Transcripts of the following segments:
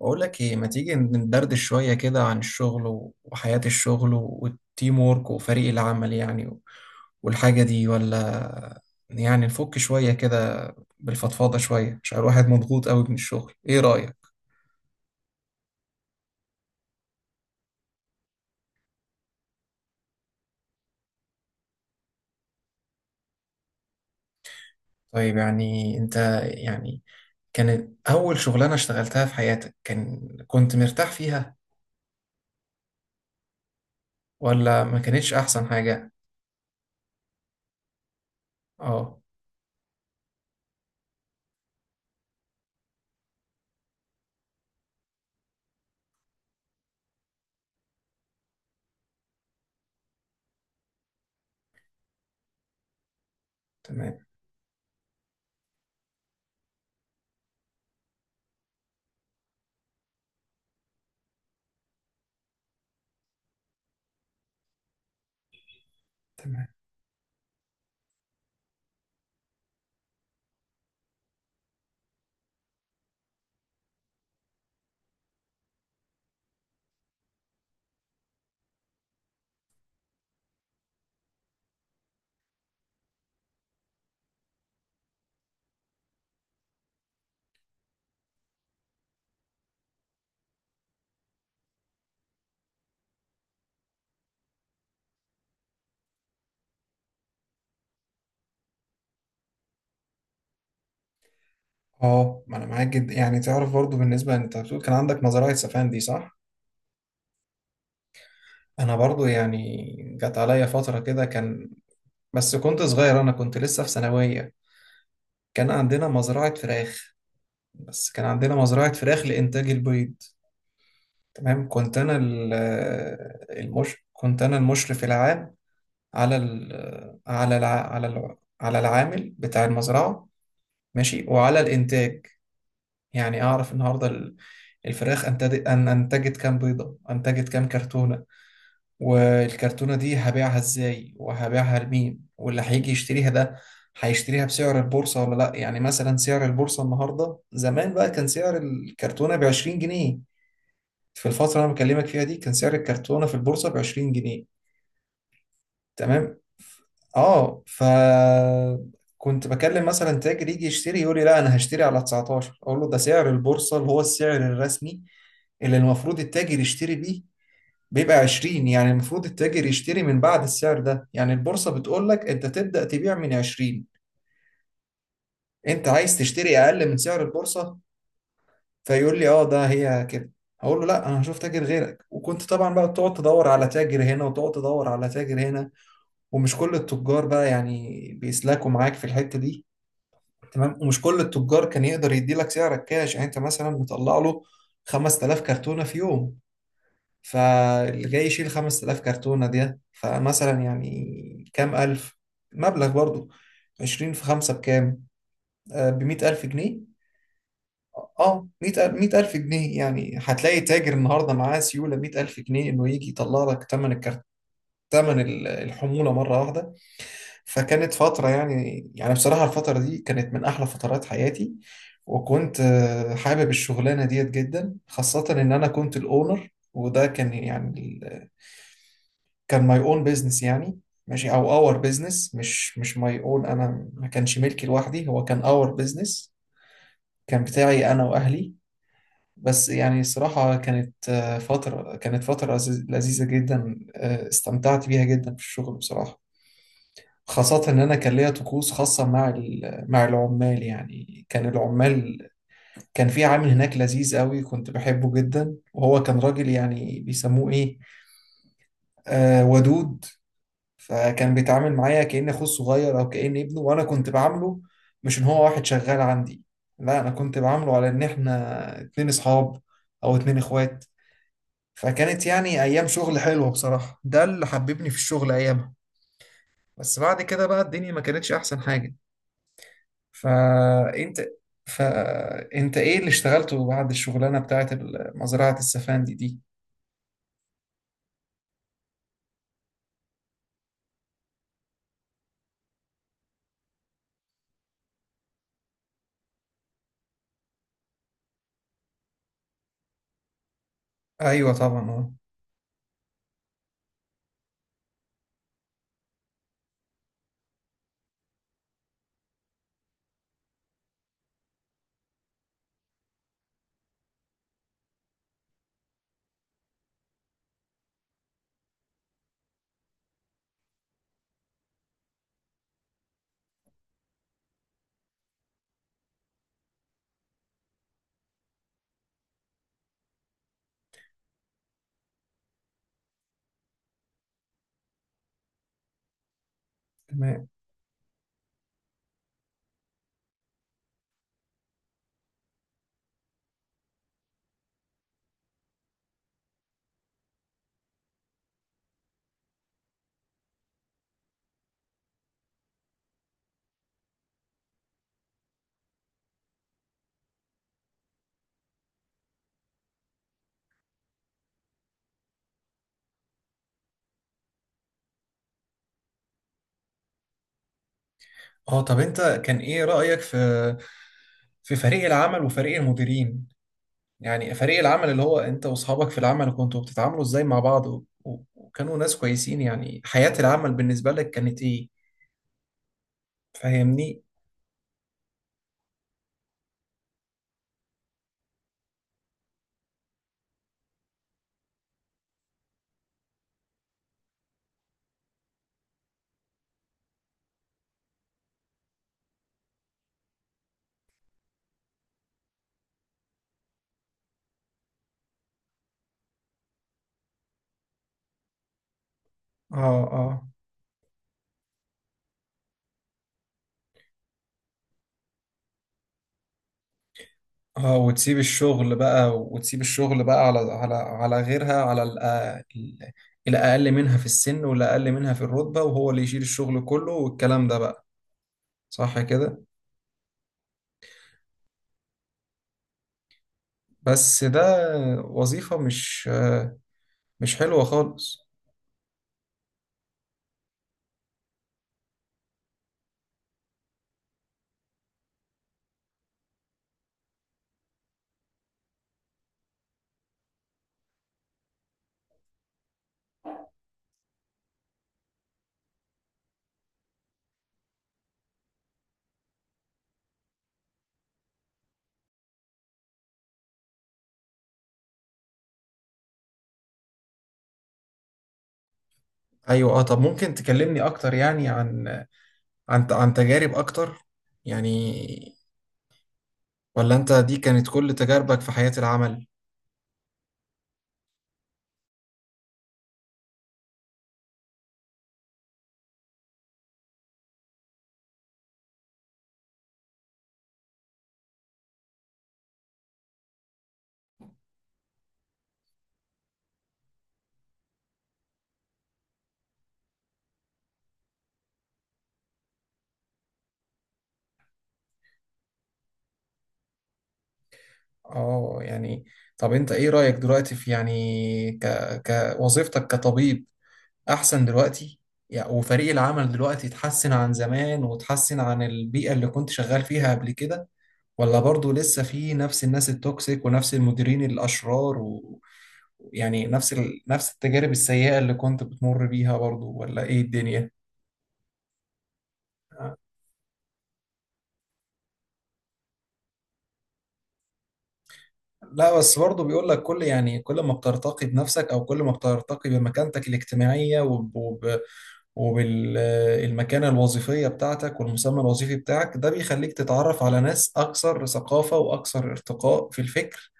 بقول لك ايه، ما تيجي ندردش شوية كده عن الشغل و- وحياة الشغل و- والتيم وورك وفريق العمل يعني و- والحاجة دي، ولا يعني نفك شوية كده، بالفضفاضة شوية عشان الواحد مضغوط قوي من الشغل؟ ايه رأيك؟ طيب، يعني انت، يعني كانت اول شغلانة اشتغلتها في حياتك، كنت مرتاح فيها ولا ما كانتش احسن حاجة؟ اه. تمام. تمام. اه، ما انا معاك جدا، يعني تعرف برضو، بالنسبة انت بتقول كان عندك نظرية سفان دي، صح؟ انا برضو يعني جت عليا فترة كده، كان، بس كنت صغير، انا كنت لسه في ثانوية. كان عندنا مزرعة فراخ، بس كان عندنا مزرعة فراخ لإنتاج البيض. تمام، كنت انا المشرف العام على ال... على الع... على ال... على العامل بتاع المزرعة، ماشي، وعلى الإنتاج. يعني اعرف النهاردة ال- الفراخ انتجت، انتجت كام بيضة، انتجت كام كرتونة، والكرتونة دي هبيعها ازاي وهبيعها لمين، واللي هيجي يشتريها ده هيشتريها بسعر البورصة ولا لا. يعني مثلا سعر البورصة النهاردة، زمان بقى كان سعر الكرتونة بعشرين جنيه. في الفترة اللي أنا بكلمك فيها دي كان سعر الكرتونة في البورصة بعشرين جنيه. تمام. اه. كنت بكلم مثلا تاجر يجي يشتري، يقول لي لا، انا هشتري على 19. اقول له ده سعر البورصه، اللي هو السعر الرسمي اللي المفروض التاجر يشتري بيه، بيبقى 20. يعني المفروض التاجر يشتري من بعد السعر ده، يعني البورصة بتقول لك انت تبدأ تبيع من 20، انت عايز تشتري اقل من سعر البورصة. فيقول لي اه، ده هي كده. هقول له لا، انا هشوف تاجر غيرك. وكنت طبعا بقى تقعد تدور على تاجر هنا وتقعد تدور على تاجر هنا، ومش كل التجار بقى يعني بيسلكوا معاك في الحتة دي. تمام، ومش كل التجار كان يقدر يدي لك سعرك كاش. يعني انت مثلا مطلع له 5000 كرتونة في يوم، فاللي جاي يشيل 5000 كرتونة دي فمثلا يعني كام ألف مبلغ برضو؟ 20 في خمسة بكام؟ ب 100000 جنيه. اه، 100000 جنيه. يعني هتلاقي تاجر النهارده معاه سيولة 100000 جنيه انه يجي يطلع لك ثمن الكرت، ثمن ال- الحمولة مرة واحدة. فكانت فترة، يعني بصراحة، الفترة دي كانت من أحلى فترات حياتي. وكنت حابب الشغلانة ديت جدا، خاصة إن أنا كنت الأونر. وده كان يعني كان ماي اون بيزنس يعني. ماشي، او اور بيزنس، مش ماي اون، انا ما كانش ملكي لوحدي، هو كان اور بيزنس، كان بتاعي انا واهلي. بس يعني الصراحة كانت فترة، كانت فترة لذيذة جدا، استمتعت بيها جدا في الشغل بصراحة. خاصة إن أنا كان ليا طقوس خاصة مع العمال، يعني كان العمال، كان في عامل هناك لذيذ قوي، كنت بحبه جدا، وهو كان راجل يعني بيسموه إيه، ودود. فكان بيتعامل معايا كأن أخوه الصغير أو كأن ابنه، وأنا كنت بعامله مش إن هو واحد شغال عندي، لا، أنا كنت بعامله على إن إحنا اتنين أصحاب أو اتنين إخوات. فكانت يعني أيام شغل حلوة بصراحة، ده اللي حببني في الشغل أيامها. بس بعد كده بقى الدنيا ما كانتش أحسن حاجة. فأنت فأنت إيه اللي اشتغلته بعد الشغلانة بتاعت مزرعة السفان دي؟ أيوة طبعا، أه. تمام. اه، طب انت كان ايه رأيك في فريق العمل وفريق المديرين؟ يعني فريق العمل اللي هو انت واصحابك في العمل، كنتوا بتتعاملوا ازاي مع بعض، و- و- وكانوا ناس كويسين؟ يعني حياة العمل بالنسبة لك كانت ايه؟ فاهمني؟ اه، اه، اه، وتسيب الشغل بقى، وتسيب الشغل بقى على غيرها على الأقل منها في السن والأقل منها في الرتبة، وهو اللي يشيل الشغل كله والكلام ده بقى. صح كده؟ بس ده وظيفة، مش حلوة خالص. ايوه، اه، طب ممكن تكلمني اكتر يعني عن تجارب اكتر؟ يعني ولا انت دي كانت كل تجاربك في حياة العمل؟ اه. يعني طب انت ايه رأيك دلوقتي في، يعني، ك... كوظيفتك كطبيب، احسن دلوقتي؟ يعني وفريق العمل دلوقتي اتحسن عن زمان وتحسن عن البيئة اللي كنت شغال فيها قبل كده؟ ولا برضو لسه في نفس الناس التوكسيك ونفس المديرين الأشرار و- ويعني نفس نفس التجارب السيئة اللي كنت بتمر بيها برضو؟ ولا ايه الدنيا؟ لا، بس برضو بيقول لك كل، يعني، كل ما بترتقي بنفسك او كل ما بترتقي بمكانتك الاجتماعية وبالمكانة الوظيفية بتاعتك والمسمى الوظيفي بتاعك، ده بيخليك تتعرف على ناس أكثر ثقافة وأكثر ارتقاء في الفكر.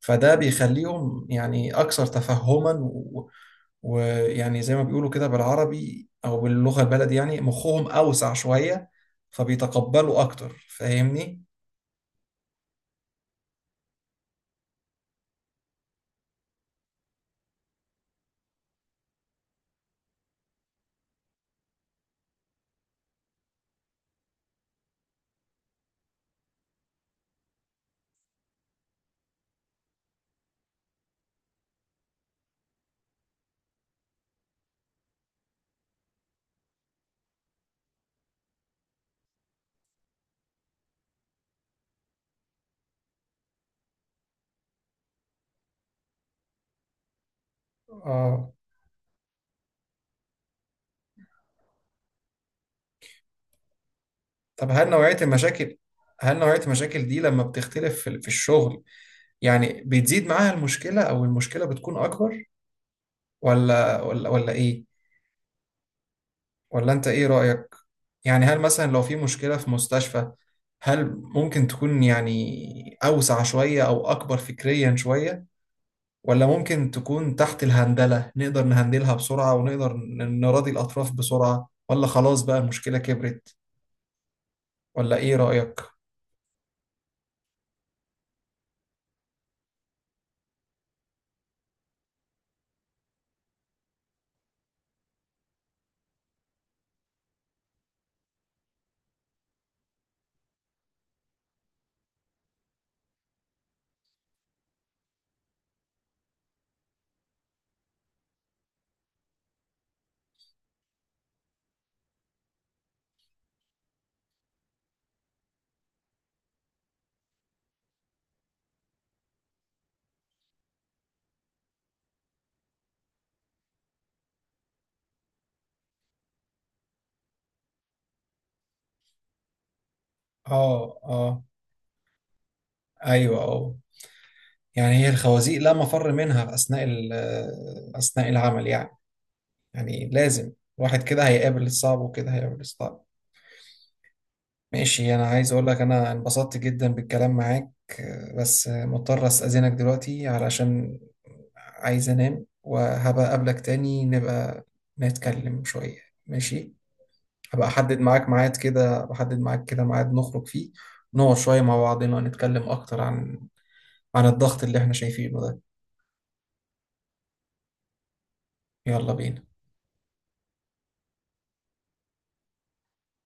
فده بيخليهم يعني أكثر تفهما، و- ويعني زي ما بيقولوا كده بالعربي أو باللغة البلد، يعني مخهم أوسع شوية، فبيتقبلوا أكتر. فاهمني؟ اه، طب هل نوعية المشاكل دي لما بتختلف في الشغل، يعني بتزيد معاها المشكلة أو المشكلة بتكون أكبر؟ ولا ايه؟ ولا انت ايه رأيك؟ يعني هل مثلا لو في مشكلة في مستشفى، هل ممكن تكون يعني أوسع شوية أو أكبر فكريا شوية، ولا ممكن تكون تحت الهندلة، نقدر نهندلها بسرعة ونقدر ن- نراضي الأطراف بسرعة؟ ولا خلاص بقى المشكلة كبرت؟ ولا ايه رأيك؟ اه، اه، ايوه، اه. يعني هي الخوازيق لا مفر منها أثناء أثناء العمل يعني لازم الواحد كده هيقابل الصعب، وكده هيقابل الصعب. ماشي، انا عايز اقول لك انا انبسطت جدا بالكلام معاك. بس مضطر استأذنك دلوقتي، علشان عايز انام، وهبقى اقابلك تاني، نبقى نتكلم شوية. ماشي، هبقى احدد معاك ميعاد كده بحدد معاك كده ميعاد نخرج فيه، نقعد شوية مع بعضنا، نتكلم اكتر عن الضغط اللي احنا شايفينه ده. يلا بينا.